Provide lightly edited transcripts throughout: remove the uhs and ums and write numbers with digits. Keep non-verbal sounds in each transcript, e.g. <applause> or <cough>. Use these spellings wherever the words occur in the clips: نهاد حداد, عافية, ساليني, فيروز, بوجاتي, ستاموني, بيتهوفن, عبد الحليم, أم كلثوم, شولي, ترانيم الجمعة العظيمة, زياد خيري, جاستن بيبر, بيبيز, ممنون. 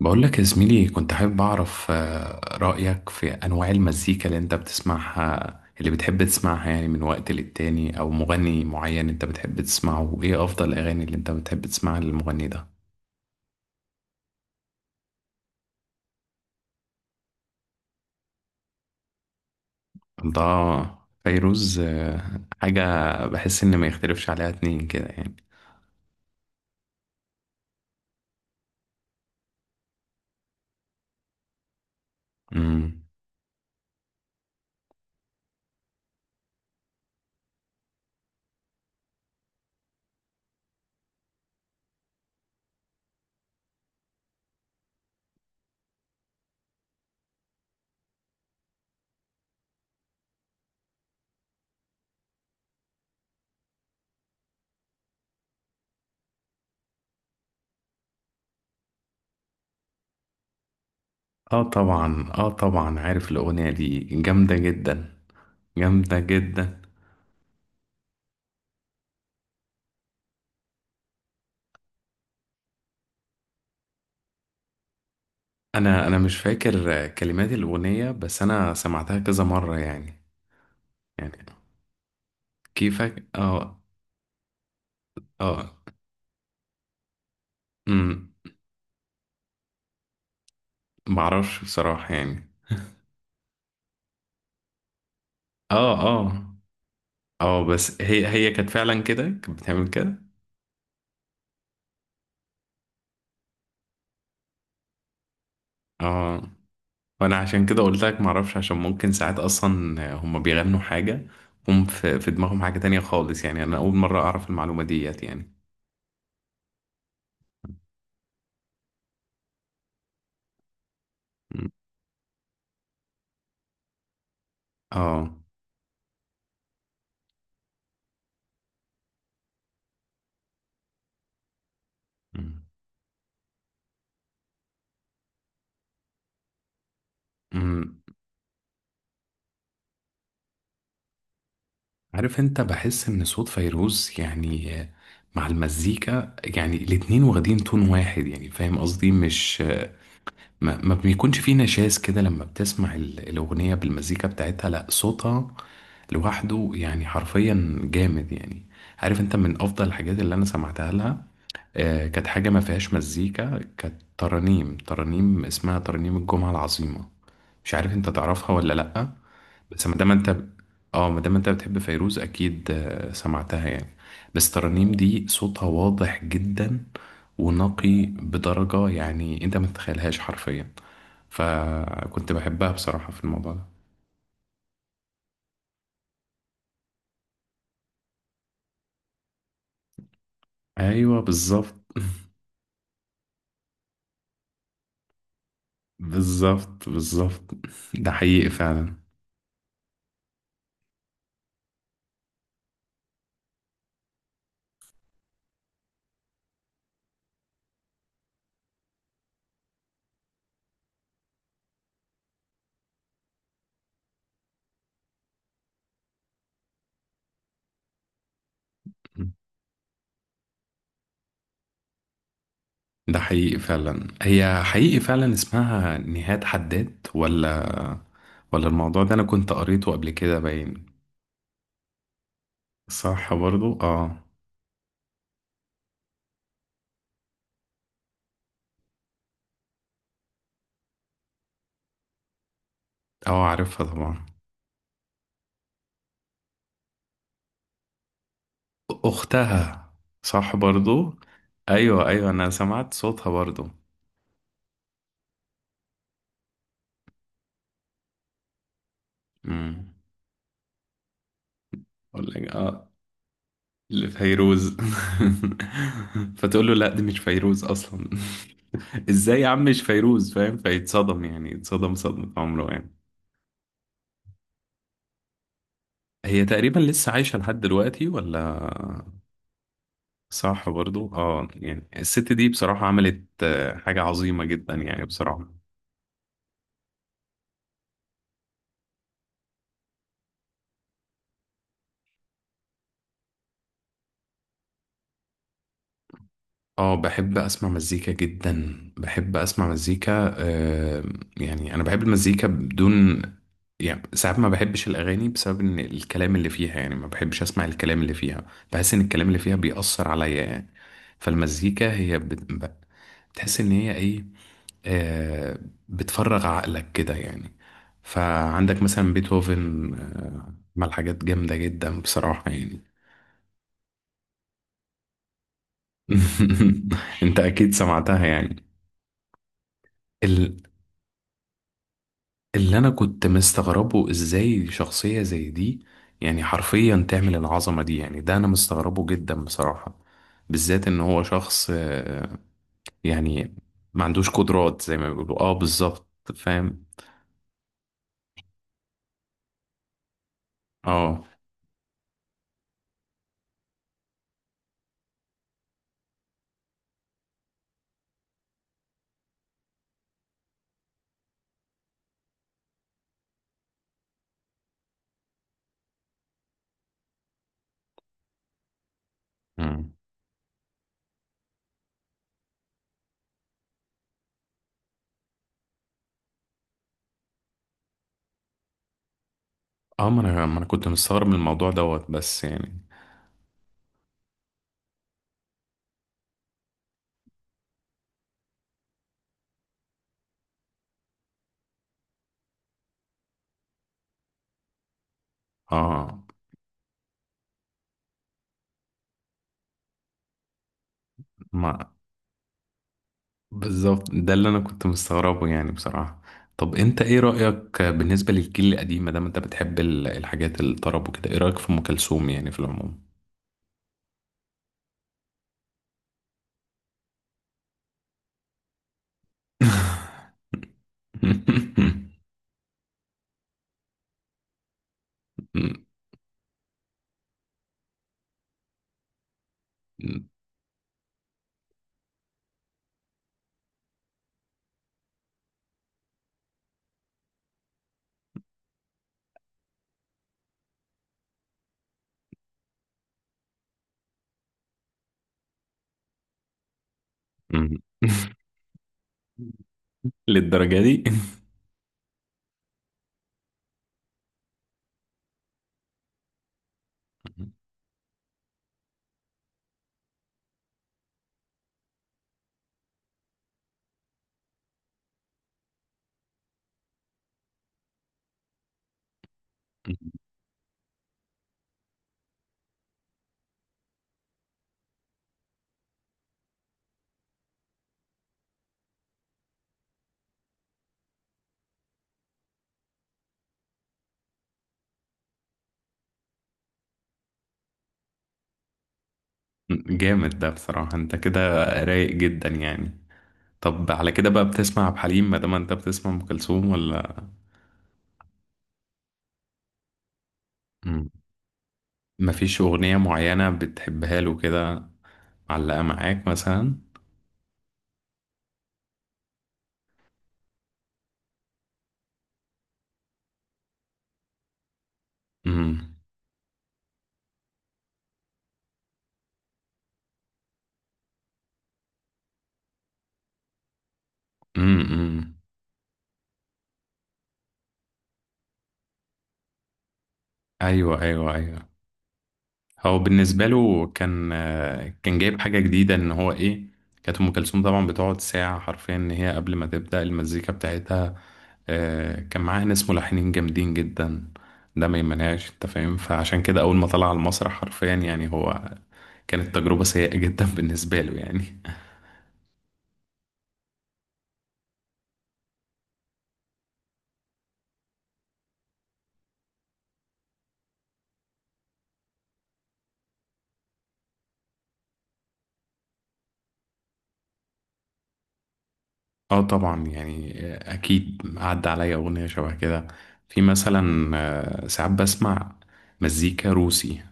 بقول لك يا زميلي، كنت حابب أعرف رأيك في أنواع المزيكا اللي أنت بتسمعها، اللي بتحب تسمعها، يعني من وقت للتاني، أو مغني معين أنت بتحب تسمعه، وإيه أفضل الأغاني اللي أنت بتحب تسمعها للمغني ده؟ ده فيروز. حاجة بحس إن ما يختلفش عليها اتنين كده يعني. مم. آه طبعا، آه طبعا، عارف الأغنية دي، جامدة جدا، جامدة جدا. انا مش فاكر كلمات الاغنيه، بس انا سمعتها كذا مره يعني. يعني كيفك، اه. اه. امم معرفش بصراحة يعني. اه، اه، اه، بس هي كانت فعلا كده، كانت بتعمل كده. اه. وانا عشان كده قلت لك معرفش، عشان ممكن ساعات اصلا هم بيغنوا حاجة، هم في دماغهم حاجة تانية خالص يعني. انا اول مرة اعرف المعلومة ديت يعني. أمم. اه. أمم. أمم. عارف انت، بحس ان صوت فيروز، يعني مع المزيكا، يعني الاتنين واخدين تون واحد، يعني فاهم قصدي؟ مش ما بيكونش فيه نشاز كده لما بتسمع الأغنية بالمزيكا بتاعتها، لا صوتها لوحده يعني حرفيا جامد يعني. عارف انت، من أفضل الحاجات اللي أنا سمعتها لها، كانت حاجة ما فيهاش مزيكا، كانت ترانيم، ترانيم اسمها ترانيم الجمعة العظيمة. مش عارف انت تعرفها ولا لأ؟ بس ما دام انت، اه، ما دام انت بتحب فيروز، أكيد سمعتها يعني. بس ترانيم دي صوتها واضح جدا ونقي بدرجة، يعني انت ما تتخيلهاش حرفيا. فكنت بحبها بصراحة في الموضوع ده. أيوه بالظبط. بالظبط بالظبط. ده حقيقي فعلا. ده حقيقي فعلا، هي حقيقي فعلا اسمها نهاد حداد، ولا ولا الموضوع ده أنا كنت قريته قبل كده، باين. صح برضو، اه. اه، عارفها طبعا. أختها. صح برضو. أيوه أيوه، أنا سمعت صوتها برضو. امم. لفيروز. <laughs> فتقول له لا دي مش فيروز اصلا. <laughs> ازاي يا عم مش فيروز، فاهم، فيتصدم يعني، يتصدم صدمة عمره يعني. هي تقريبا لسه عايشة لحد دلوقتي، ولا؟ صح برضو، اه. يعني الست دي بصراحة عملت حاجة عظيمة جدا يعني، بصراحة. اه بحب اسمع مزيكا جدا، بحب اسمع مزيكا. يعني انا بحب المزيكا بدون، يعني ساعات ما بحبش الأغاني، بسبب إن الكلام اللي فيها، يعني ما بحبش أسمع الكلام اللي فيها. بحس إن الكلام اللي فيها بيأثر عليا يعني. فالمزيكا هي بتحس إن هي إيه، آه بتفرغ عقلك كده يعني. فعندك مثلا بيتهوفن عمل حاجات جامدة جدا بصراحة يعني. <laughs> أنت أكيد سمعتها يعني. اللي انا كنت مستغربه، ازاي شخصية زي دي يعني حرفيا تعمل العظمة دي يعني، ده انا مستغربه جدا بصراحة، بالذات ان هو شخص. يعني ما عندوش قدرات زي ما بيقولوا، اه بالظبط. فاهم. اه. مم. اه، ما انا كنت مستغرب من الموضوع دوت، بس يعني. اه. ما. بالظبط، ده اللي انا كنت مستغربه يعني بصراحة. طب انت ايه رأيك بالنسبة للجيل القديم، ما دام انت بتحب الحاجات الطرب وكده، ايه رأيك في ام كلثوم يعني في العموم؟ <laughs> للدرجة دي؟ جامد ده بصراحة، انت كده رايق جدا يعني. طب على كده بقى بتسمع عبد الحليم، ما دام انت بتسمع ام كلثوم، ولا؟ مم. مفيش أغنية معينة بتحبها له كده، معلقة معاك مثلا؟ مم. مم. مم. ايوه ايوه ايوه. هو بالنسبة له كان جايب حاجة جديدة، ان هو ايه، كانت ام كلثوم طبعا بتقعد ساعة حرفيا، ان هي قبل ما تبدأ المزيكا بتاعتها، كان معاه ناس ملحنين جامدين جدا. ده ما يمنعش، انت فاهم، فعشان كده اول ما طلع على المسرح حرفيا يعني هو، كانت تجربة سيئة جدا <laughs> بالنسبة له يعني. اه طبعا، يعني اكيد عدى عليا اغنية شبه كده. في مثلا ساعات بسمع مزيكا روسي،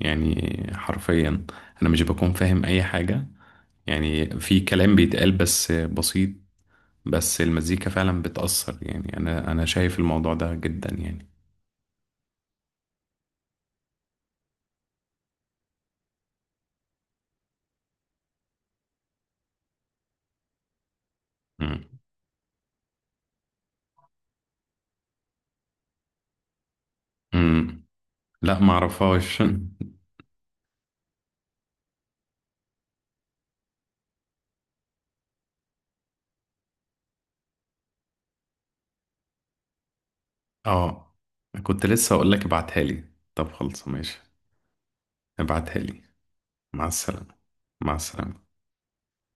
يعني حرفيا انا مش بكون فاهم اي حاجة، يعني في كلام بيتقال بس بسيط. بس المزيكا فعلا بتأثر، يعني انا شايف الموضوع ده جدا يعني. امم. لا ما اعرفهاش. <laughs> اه. كنت لسه اقول لك ابعتها لي، طب خلص ماشي. ابعتها لي. مع السلامة. مع السلامة.